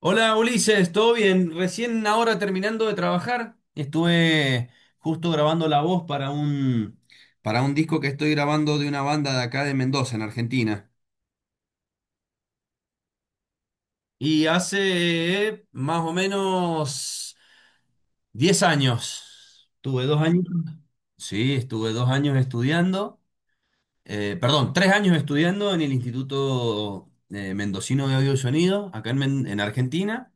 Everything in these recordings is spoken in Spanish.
Hola Ulises, ¿todo bien? Recién ahora terminando de trabajar, estuve justo grabando la voz para un disco que estoy grabando de una banda de acá de Mendoza, en Argentina. Y hace más o menos 10 años, tuve 2 años, sí, estuve 2 años estudiando, perdón, 3 años estudiando en el Instituto Mendocino de Audio y Sonido, acá en en Argentina.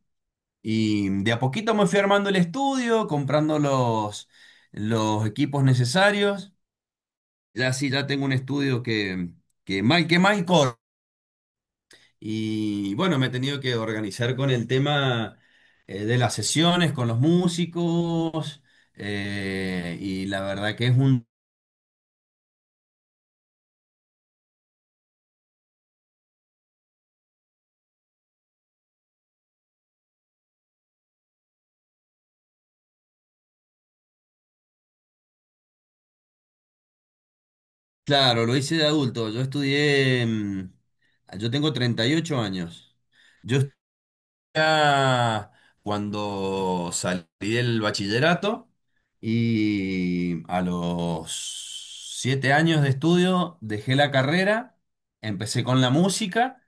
Y de a poquito me fui armando el estudio, comprando los equipos necesarios. Ya sí, ya tengo un estudio que mal que mal corre. Y bueno, me he tenido que organizar con el tema, de las sesiones, con los músicos. Y la verdad que es un. Claro, lo hice de adulto. Yo estudié. Yo tengo 38 años. Yo ya cuando salí del bachillerato y a los 7 años de estudio dejé la carrera, empecé con la música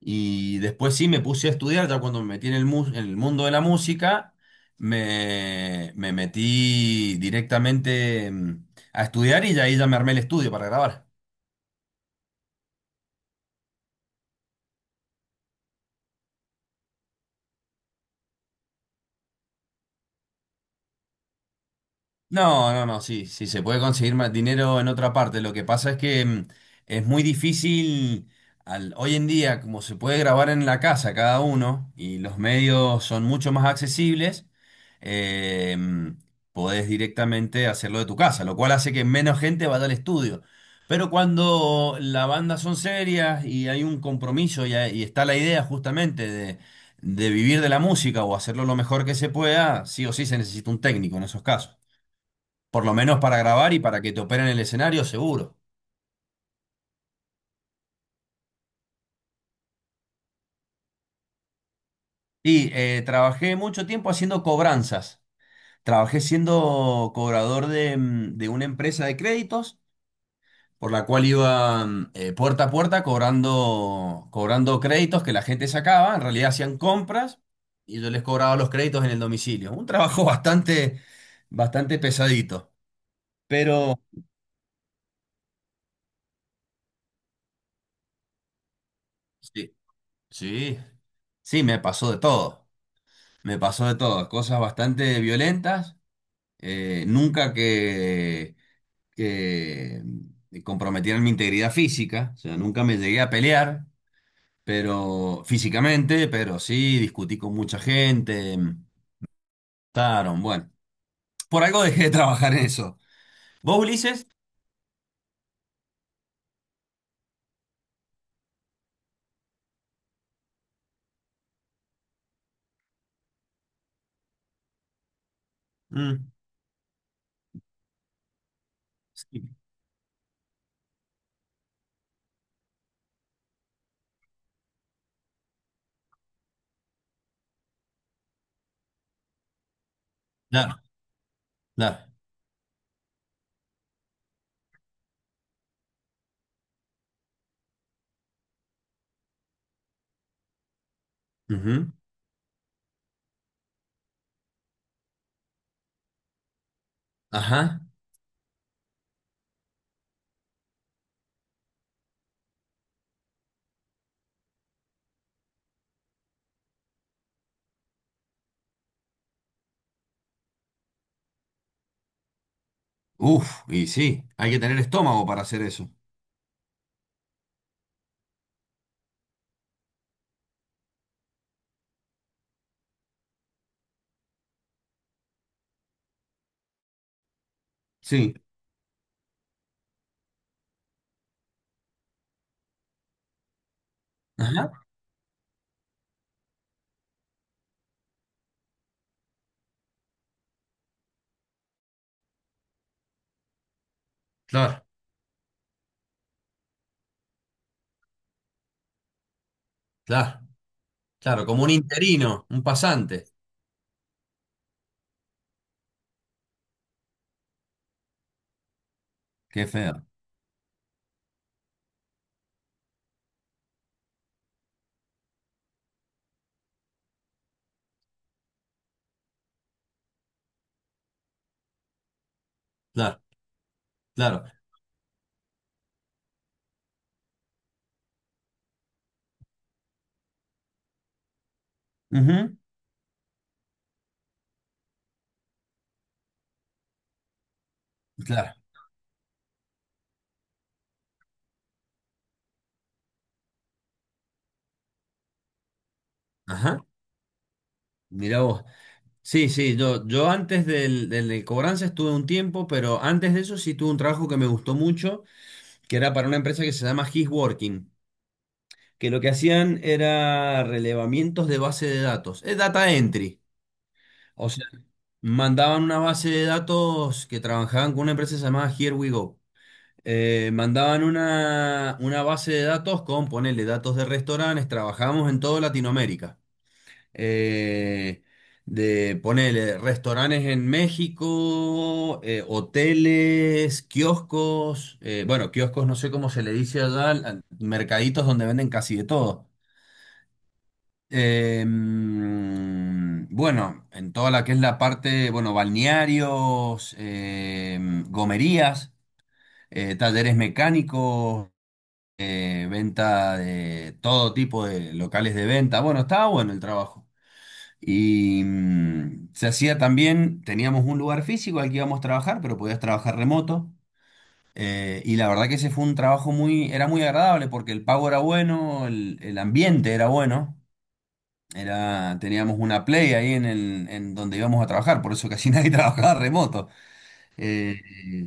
y después sí me puse a estudiar, ya cuando me metí en el mundo de la música, me metí directamente, a estudiar y ya ahí ya me armé el estudio para grabar. No, no, no, sí, sí, se puede conseguir más dinero en otra parte. Lo que pasa es que, es muy difícil, hoy en día, como se puede grabar en la casa cada uno y los medios son mucho más accesibles. eh, mm, Podés directamente hacerlo de tu casa, lo cual hace que menos gente vaya al estudio. Pero cuando la banda son serias y hay un compromiso y está la idea justamente de vivir de la música o hacerlo lo mejor que se pueda, sí o sí se necesita un técnico en esos casos. Por lo menos para grabar y para que te operen el escenario, seguro. Y trabajé mucho tiempo haciendo cobranzas. Trabajé siendo cobrador de una empresa de créditos, por la cual iba, puerta a puerta cobrando créditos que la gente sacaba. En realidad hacían compras y yo les cobraba los créditos en el domicilio. Un trabajo bastante, bastante pesadito. Pero sí, sí, sí, me pasó de todo. Me pasó de todo. Cosas bastante violentas, nunca que comprometieran mi integridad física, o sea, nunca me llegué a pelear, pero físicamente, pero sí, discutí con mucha gente, taron, bueno, por algo dejé de trabajar en eso. ¿Vos, Ulises? Mm, sí, claro, claro. Ujú, ajá. Uf, y sí, hay que tener estómago para hacer eso. Sí. Ajá. Claro, claro, claro, como un interino, un pasante. Qué feo. Claro, claro. Ujú, Claro. Ajá, mira vos. Sí, sí, yo antes del de cobranza estuve un tiempo, pero antes de eso sí tuve un trabajo que me gustó mucho, que era para una empresa que se llama His Working, que lo que hacían era relevamientos de base de datos, es data entry. O sea, mandaban una base de datos que trabajaban con una empresa llamada Here We Go. Mandaban una base de datos con, ponele, datos de restaurantes, trabajamos en toda Latinoamérica. eh, de ponerle restaurantes en México, hoteles, kioscos, bueno, kioscos no sé cómo se le dice allá, mercaditos donde venden casi de todo. Bueno, en toda la que es la parte, bueno, balnearios, gomerías, talleres mecánicos, venta de todo tipo de locales de venta. Bueno, estaba bueno el trabajo. Y, se hacía también, teníamos un lugar físico al que íbamos a trabajar, pero podías trabajar remoto. Y la verdad que ese fue un trabajo era muy agradable porque el pago era bueno, el ambiente era bueno. Teníamos una play ahí en donde íbamos a trabajar, por eso casi nadie trabajaba remoto. Eh,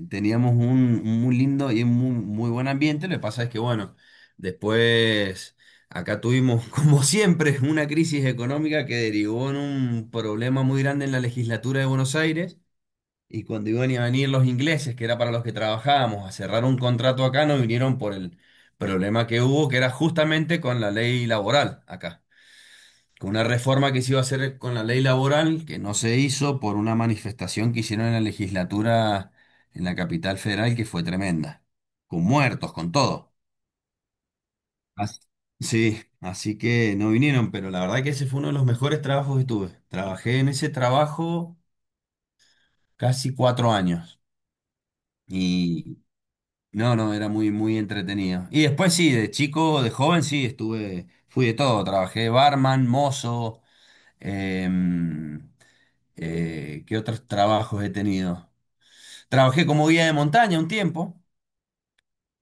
Teníamos un muy lindo y un muy, muy buen ambiente. Lo que pasa es que, bueno, después acá tuvimos, como siempre, una crisis económica que derivó en un problema muy grande en la legislatura de Buenos Aires. Y cuando iban a venir los ingleses, que era para los que trabajábamos, a cerrar un contrato acá, no vinieron por el problema que hubo, que era justamente con la ley laboral acá, con una reforma que se iba a hacer con la ley laboral, que no se hizo por una manifestación que hicieron en la legislatura en la capital federal, que fue tremenda, con muertos, con todo. As- sí, así que no vinieron, pero la verdad que ese fue uno de los mejores trabajos que tuve. Trabajé en ese trabajo casi 4 años y no, no, era muy, muy entretenido. Y después sí, de chico, de joven sí, estuve, fui de todo, trabajé barman, mozo. em, ¿Qué otros trabajos he tenido? Trabajé como guía de montaña un tiempo.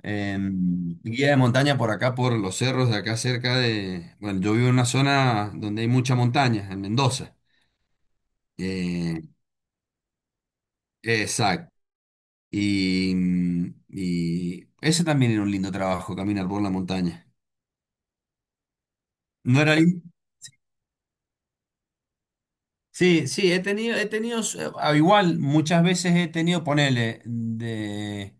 eh, Guía de montaña por acá, por los cerros de acá cerca de. Bueno, yo vivo en una zona donde hay mucha montaña, en Mendoza. Eh, exacto. Y ese también era un lindo trabajo, caminar por la montaña. ¿No era lindo? Sí, sí, he tenido, al igual muchas veces he tenido, ponele, de.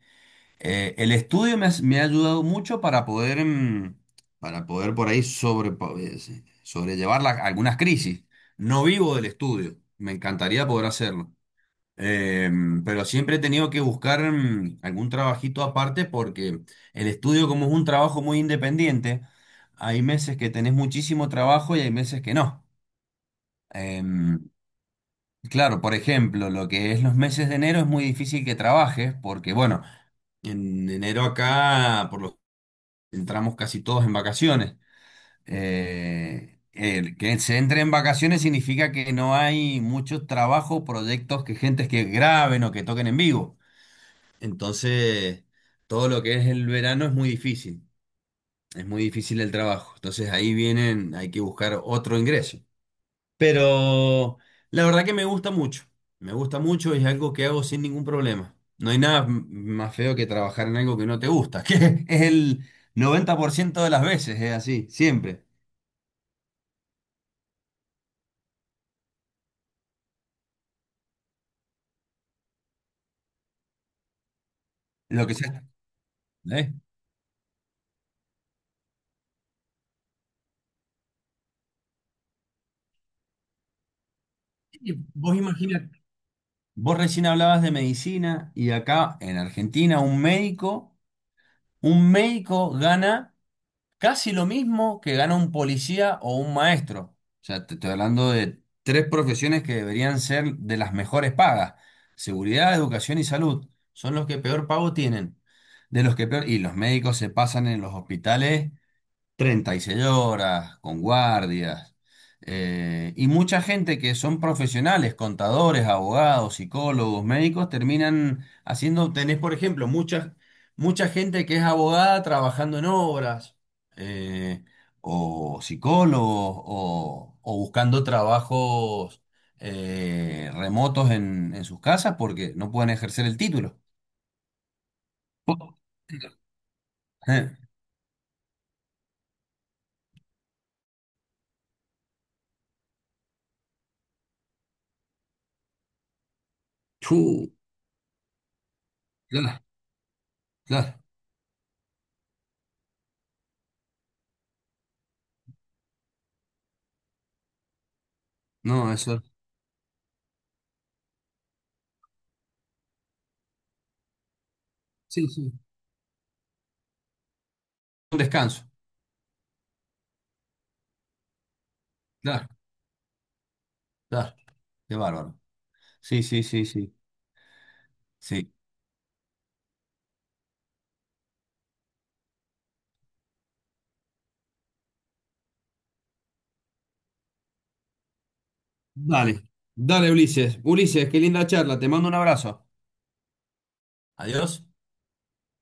El estudio me ha ayudado mucho para poder por ahí sí, sobrellevar algunas crisis. No vivo del estudio, me encantaría poder hacerlo. Eh, pero siempre he tenido que buscar, algún trabajito aparte porque el estudio, como es un trabajo muy independiente, hay meses que tenés muchísimo trabajo y hay meses que no. Em, claro, por ejemplo, lo que es los meses de enero es muy difícil que trabajes porque, bueno, en enero acá, por lo entramos casi todos en vacaciones. El que se entre en vacaciones significa que no hay mucho trabajo, proyectos que gentes que graben o que toquen en vivo. Entonces, todo lo que es el verano es muy difícil. Es muy difícil el trabajo. Entonces ahí vienen, hay que buscar otro ingreso. Pero la verdad que me gusta mucho. Me gusta mucho y es algo que hago sin ningún problema. No hay nada más feo que trabajar en algo que no te gusta, que es el 90% de las veces, es así, siempre. Lo que sea. ¿Eh? Y vos imagínate. Vos recién hablabas de medicina y acá en Argentina un médico gana casi lo mismo que gana un policía o un maestro. O sea, te estoy hablando de tres profesiones que deberían ser de las mejores pagas. Seguridad, educación y salud son los que peor pago tienen. De los que peor, y los médicos se pasan en los hospitales 36 horas, con guardias, y mucha gente que son profesionales, contadores, abogados, psicólogos, médicos, terminan haciendo, tenés por ejemplo, mucha gente que es abogada trabajando en obras, eh, o psicólogos, o buscando trabajos remotos en sus casas porque no pueden ejercer el título. Eh, Chu, claro, claro, no, eso, sí, sí, un descanso. Claro. Claro, qué bárbaro. Sí, sí, sí, sí. Sí. Dale, dale Ulises. Ulises, qué linda charla, te mando un abrazo. Adiós.